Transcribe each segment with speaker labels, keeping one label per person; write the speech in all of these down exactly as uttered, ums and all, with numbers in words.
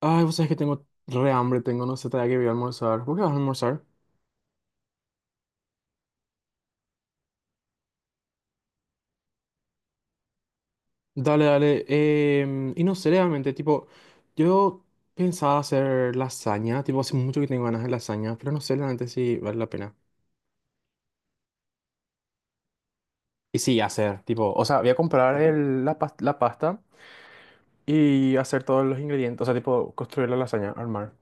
Speaker 1: Ay, vos sabés que tengo re hambre, tengo, no sé, todavía que voy a almorzar. ¿Por qué vas a almorzar? Dale, dale. Em, y no sé, realmente, tipo, yo pensaba hacer lasaña, tipo, hace mucho que tengo ganas de lasaña, pero no sé realmente si vale la pena. Y sí, hacer, tipo, o sea, voy a comprar el- la, pas- la pasta y hacer todos los ingredientes, o sea, tipo, construir la lasaña, armar.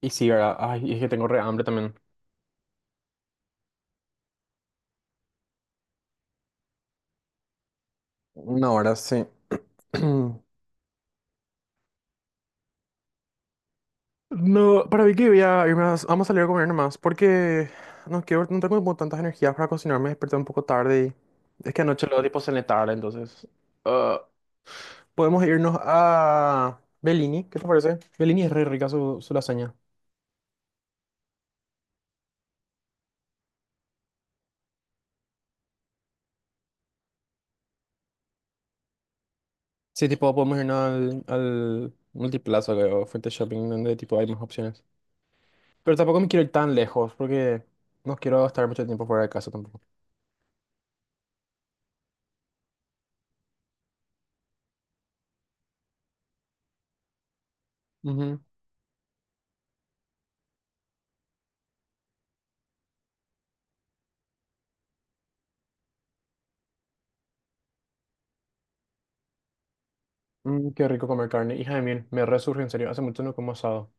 Speaker 1: Y sí, ¿verdad? Ay, y es que tengo re hambre también. No, ahora sí. No, para mí que voy a irme a- vamos a salir a comer nomás, porque no quiero, no tengo como tantas energías para cocinar, me desperté un poco tarde y es que anoche luego tipo cené tarde, entonces ah, podemos irnos a Bellini, ¿qué te parece? Bellini es re rica su, su lasaña. Sí, tipo podemos irnos al, al Multiplaza, creo, frente al shopping, donde tipo hay más opciones. Pero tampoco me quiero ir tan lejos, porque no quiero estar mucho tiempo fuera de casa tampoco. Ujú. Mm, qué rico comer carne, hija de mil, me resurge en serio, hace mucho no como asado.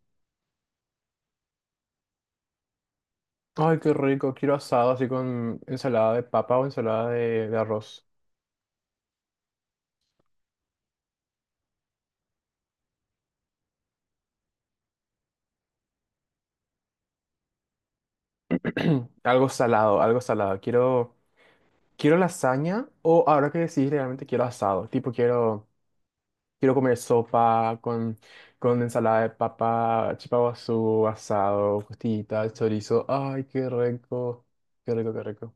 Speaker 1: Ay, qué rico. Quiero asado así con ensalada de papa o ensalada de, de arroz. Algo salado, algo salado. Quiero, quiero lasaña o ahora que decís, realmente quiero asado. Tipo, quiero, quiero comer sopa con, con ensalada de papa, chipaguazú, asado, costillita, chorizo. Ay, qué rico. Qué rico, qué rico.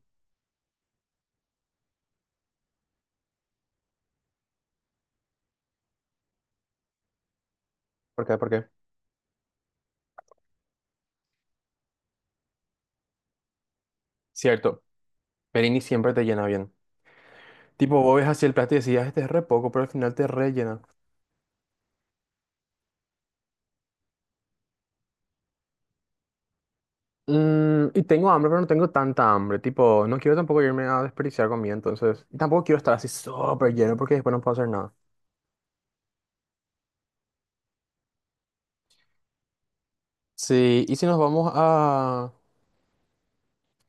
Speaker 1: ¿Por qué? ¿Por qué? Cierto, Perini siempre te llena bien. Tipo, vos ves hacia el plato y decías, este es re poco, pero al final te rellena. Mm, y tengo hambre, pero no tengo tanta hambre. Tipo, no quiero tampoco irme a desperdiciar comida, entonces. Y tampoco quiero estar así súper lleno porque después no puedo hacer nada. Sí, y si nos vamos a.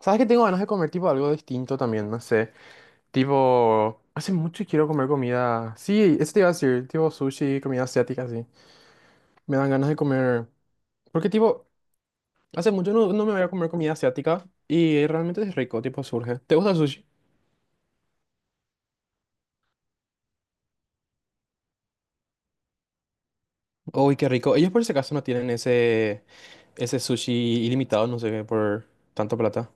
Speaker 1: ¿Sabes que tengo ganas de comer tipo algo distinto también? No sé. Tipo, hace mucho quiero comer comida. Sí, eso te iba a decir. Tipo sushi, comida asiática, sí. Me dan ganas de comer. Porque tipo, hace mucho no, no me voy a comer comida asiática y realmente es rico, tipo surge. ¿Te gusta el sushi? Uy, qué rico. Ellos por si acaso no tienen ese. Ese sushi ilimitado, no sé qué, por tanta plata.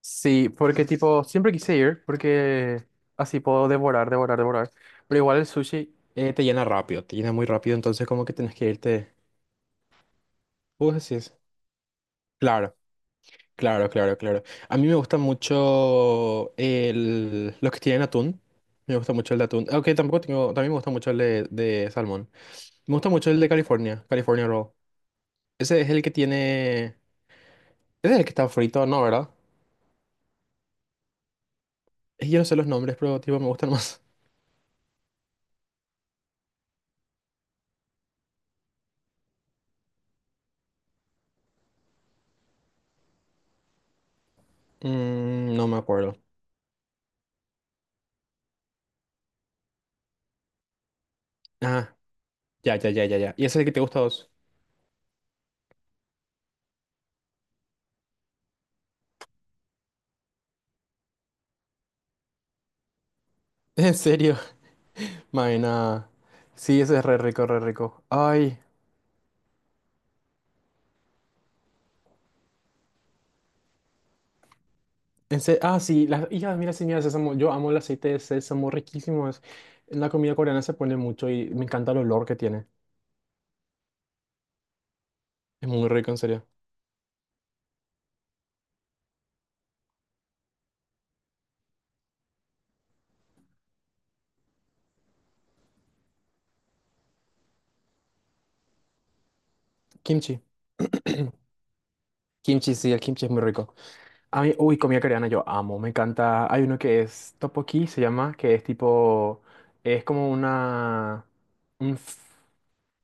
Speaker 1: Sí, porque tipo, siempre quise ir, porque así puedo devorar, devorar, devorar. Pero igual el sushi, Eh, te llena rápido, te llena muy rápido, entonces como que tienes que irte. Vos decís. Claro, claro, claro, claro. A mí me gusta mucho el, los que tienen atún. Me gusta mucho el de atún. Aunque tampoco tengo, también me gusta mucho el de, de salmón. Me gusta mucho el de California, California Roll. Ese es el que tiene... Ese es el que está frito, ¿no? ¿Verdad? Eh, Yo no sé los nombres, pero tipo me gustan más. Mm, no me acuerdo. Ah, ya, ya, ya, ya, ya. ¿Y ese es el que te gusta a vos? ¿En serio? Maena. Sí, ese es re rico, re rico. Ay, en se ah, sí, las hijas, mira, sí, mira, sésamo. Yo amo el aceite de sésamo, riquísimo es. En la comida coreana se pone mucho y me encanta el olor que tiene. Es muy rico, en serio. Kimchi. Kimchi, sí, el kimchi es muy rico. A mí, uy, comida coreana yo amo, me encanta. Hay uno que es tteokbokki, se llama, que es tipo, es como una... un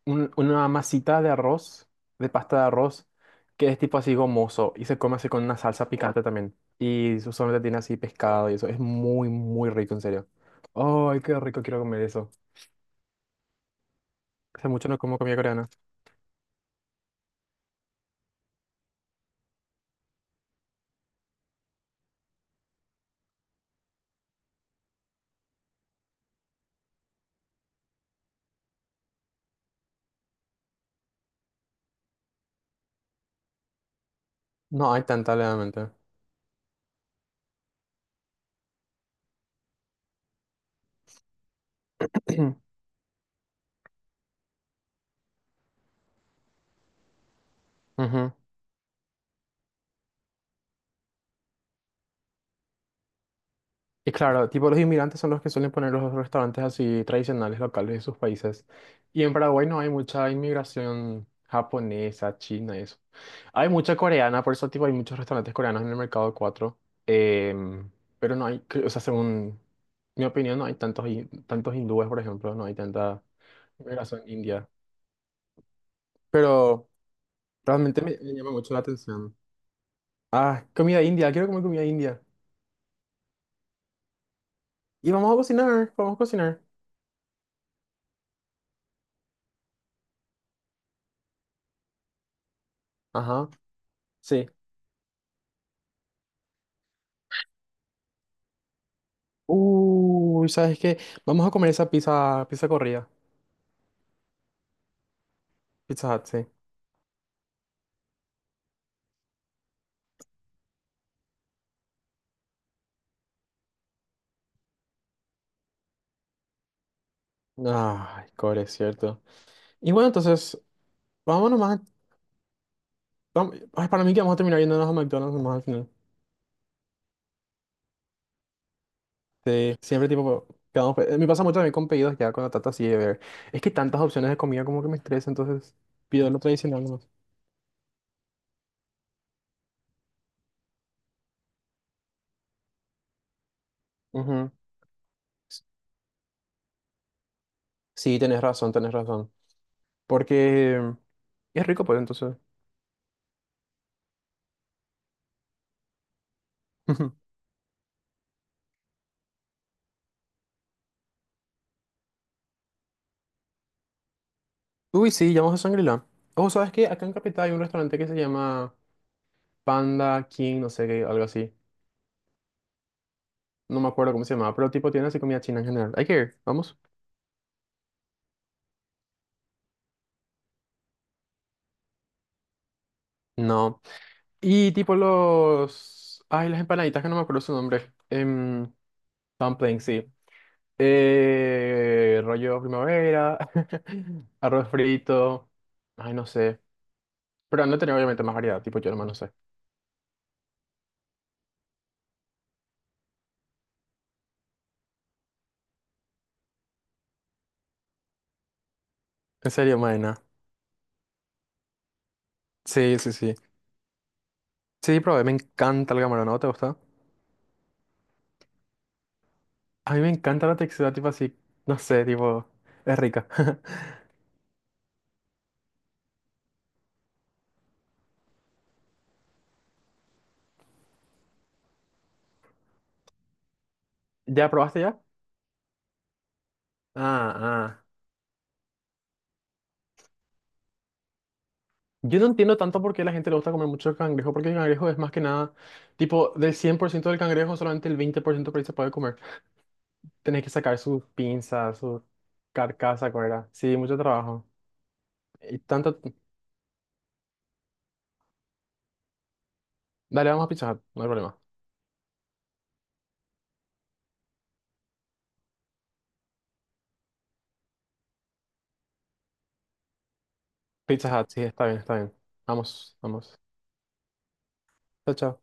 Speaker 1: un- una masita de arroz, de pasta de arroz, que es tipo así gomoso y se come así con una salsa picante también. Y usualmente tiene así pescado y eso. Es muy, muy rico, en serio. Ay, qué rico quiero comer eso. Hace mucho no como comida coreana. No hay tanta, realmente. Ujú. Y claro, tipo los inmigrantes son los que suelen poner los restaurantes así tradicionales locales de sus países. Y en Paraguay no hay mucha inmigración japonesa, china y eso. Hay mucha coreana, por eso tipo, hay muchos restaurantes coreanos en el mercado cuatro em, pero no hay, cre- o sea, según mi opinión, no hay tantos, hi- tantos hindúes, por ejemplo, no hay tanta migración india. Pero realmente me, me llama mucho la atención. Ah, comida india, quiero comer comida india. Y vamos a cocinar, vamos a cocinar. Ajá, sí. Uy, ¿sabes qué? Vamos a comer esa pizza, pizza corrida. Pizza Hut, sí. Ay, core, es cierto. Y bueno, entonces, vámonos más. Vam- ay, para mí que vamos a terminar yéndonos a McDonald's nomás al final. Sí, siempre tipo, quedamos, pe- me pasa mucho también con pedidos ya cuando trato así de ver. Es que tantas opciones de comida como que me estresa, entonces pido lo tradicional nomás. Ujú. Sí, tenés razón, tenés razón. Porque es rico, pues entonces. Uy, sí, llamamos a Shangri-La. Oh, ¿sabes qué? Acá en Capital hay un restaurante que se llama Panda King, no sé qué, algo así. No me acuerdo cómo se llama, pero tipo tiene así comida china en general. Hay que ir, vamos. No. Y tipo los... Ay, las empanaditas que no me acuerdo su nombre. Em, dumpling, sí. Eh, rollo primavera, arroz frito. Ay, no sé. Pero no tenía obviamente más variedad, tipo yo nomás no sé. En serio, maena. Sí, sí, sí. Sí, probé, me encanta el camarón, ¿no te gusta? A mí me encanta la textura, tipo así, no sé, tipo, es rica. ¿Ya probaste ya? Ah, ah. Yo no entiendo tanto por qué a la gente le gusta comer mucho el cangrejo, porque el cangrejo es más que nada, tipo, del cien por ciento del cangrejo, solamente el veinte por ciento por ciento por ahí se puede comer. Tenés que sacar sus pinzas, su carcasa, ¿cuál era? Sí, mucho trabajo. Y tanto... Dale, vamos a Pizza Hut, no hay problema. Pizza Hut, sí, está bien, está bien. Vamos, vamos. Chao, chao.